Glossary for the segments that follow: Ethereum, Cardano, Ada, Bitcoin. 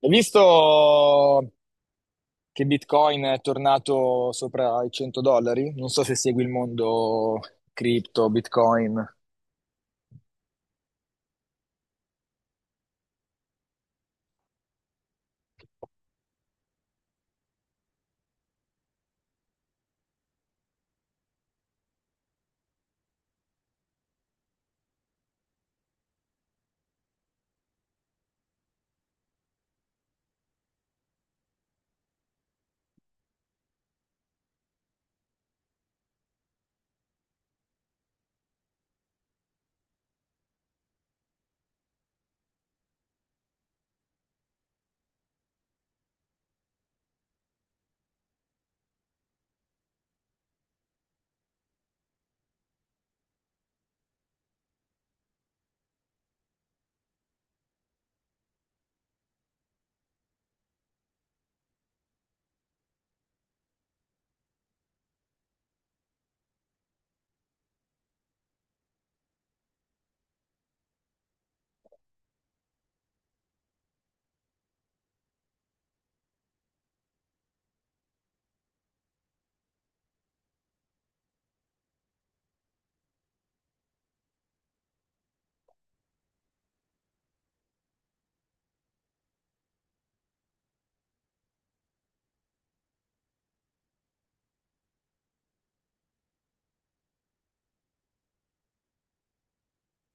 Hai visto che Bitcoin è tornato sopra i 100 dollari? Non so se segui il mondo cripto, Bitcoin.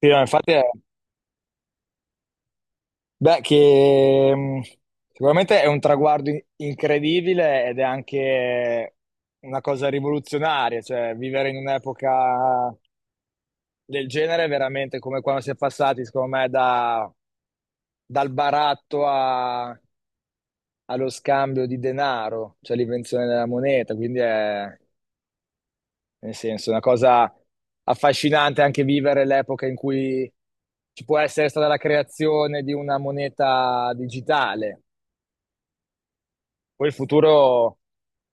Sì, no, infatti è... Beh, che sicuramente è un traguardo incredibile ed è anche una cosa rivoluzionaria, cioè vivere in un'epoca del genere è veramente come quando si è passati, secondo me, da dal baratto allo scambio di denaro, cioè l'invenzione della moneta, quindi è, nel senso, una cosa affascinante anche vivere l'epoca in cui ci può essere stata la creazione di una moneta digitale. Poi il futuro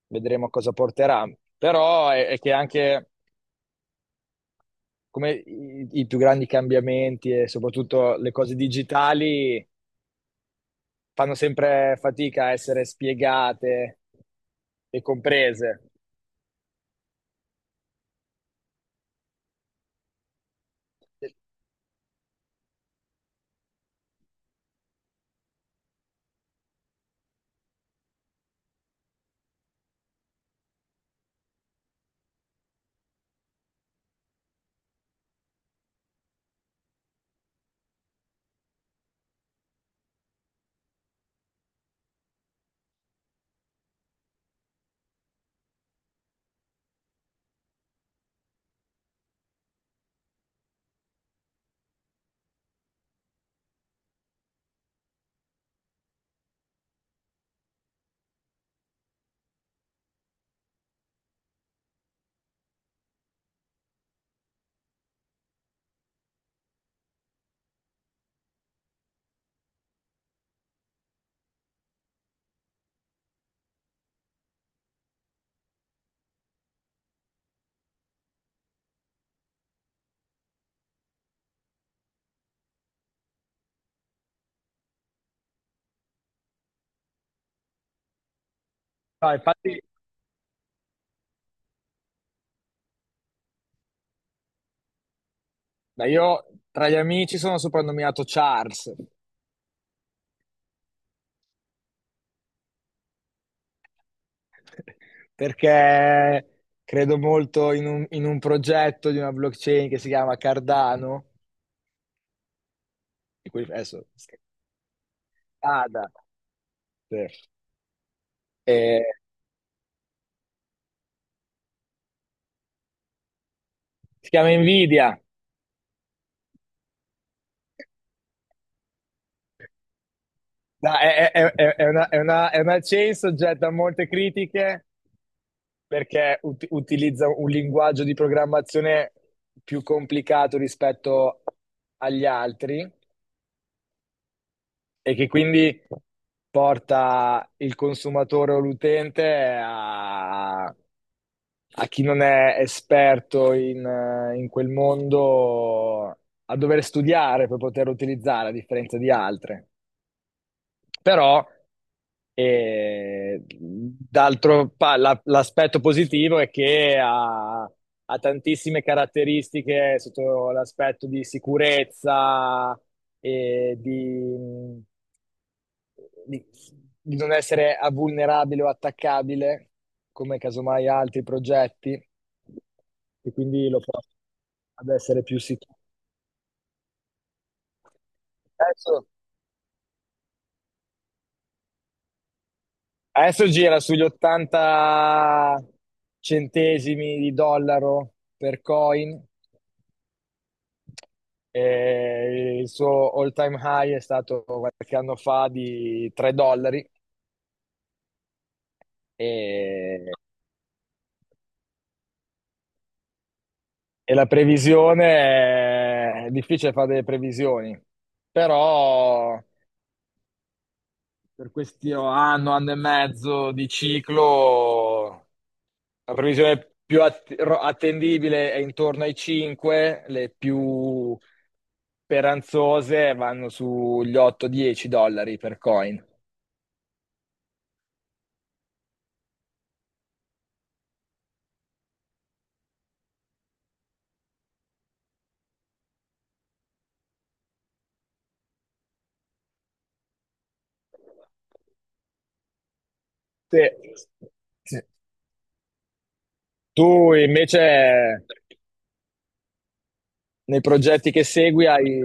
vedremo a cosa porterà, però è che anche come i più grandi cambiamenti e soprattutto le cose digitali fanno sempre fatica a essere spiegate e comprese. No, infatti, ma io tra gli amici sono soprannominato Charles perché credo molto in in un progetto di una blockchain che si chiama Cardano, di cui adesso Ada, sì. E si chiama Nvidia. No, è, è una, è una chain soggetta a molte critiche perché utilizza un linguaggio di programmazione più complicato rispetto agli altri, e che quindi porta il consumatore o l'utente a chi non è esperto in, in quel mondo a dover studiare per poter utilizzare, a differenza di altre. Però, l'aspetto positivo è che ha, ha tantissime caratteristiche sotto l'aspetto di sicurezza e di, di non essere vulnerabile o attaccabile, come casomai altri progetti, e quindi lo porta ad essere più sicuro. Adesso, adesso gira sugli 80 centesimi di dollaro per coin, e il suo all-time high è stato qualche anno fa di 3 dollari. E, e la previsione è difficile fare delle previsioni, però per questo anno, anno e mezzo di ciclo, la previsione più attendibile è intorno ai 5, le più speranzose vanno sugli 8-10 dollari per coin. Sì. Sì. Tu invece nei progetti che segui hai...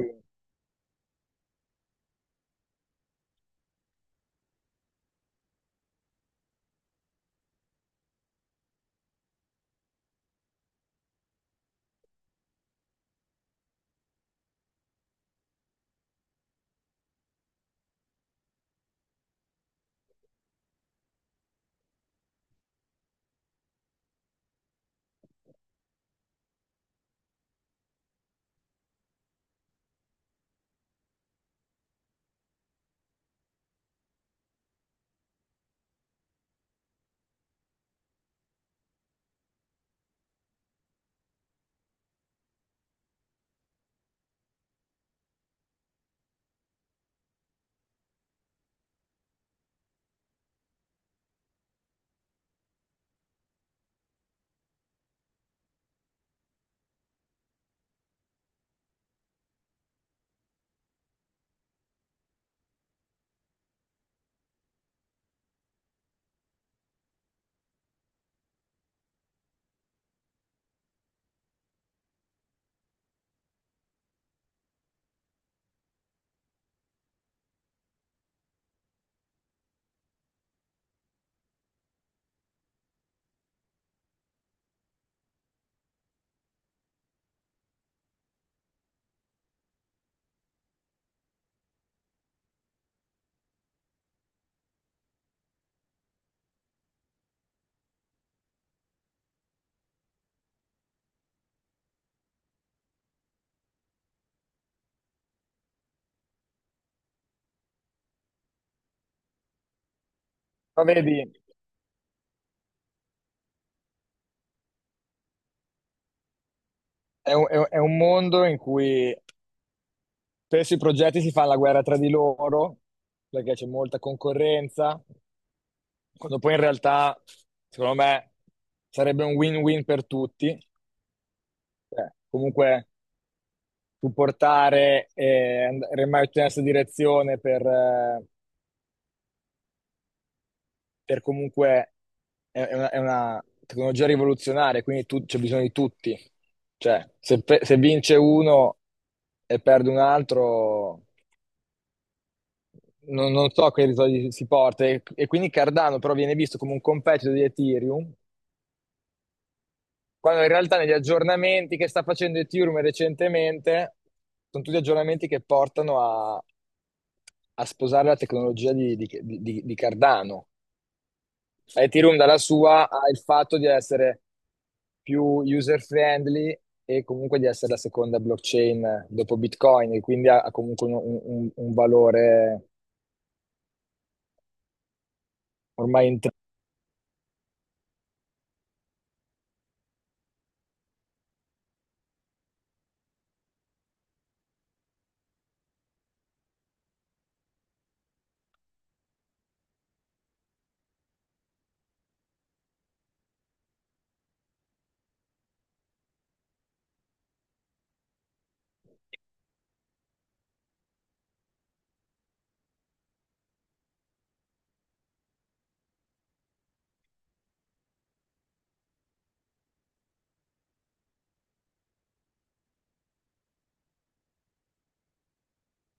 Ma vedi, è è un mondo in cui spesso i progetti si fanno la guerra tra di loro perché c'è molta concorrenza. Quando poi in realtà, secondo me, sarebbe un win-win per tutti. Cioè, comunque, tu portare e remare tutti nella stessa direzione per comunque è una tecnologia rivoluzionaria, quindi c'è bisogno di tutti. Cioè, se, se vince uno e perde un altro, non so che risultati si porta. E quindi Cardano però viene visto come un competitor di Ethereum. Quando in realtà negli aggiornamenti che sta facendo Ethereum recentemente, sono tutti aggiornamenti che portano a sposare la tecnologia di Cardano. Ethereum dalla sua ha il fatto di essere più user friendly e comunque di essere la seconda blockchain dopo Bitcoin, e quindi ha, ha comunque un, un valore ormai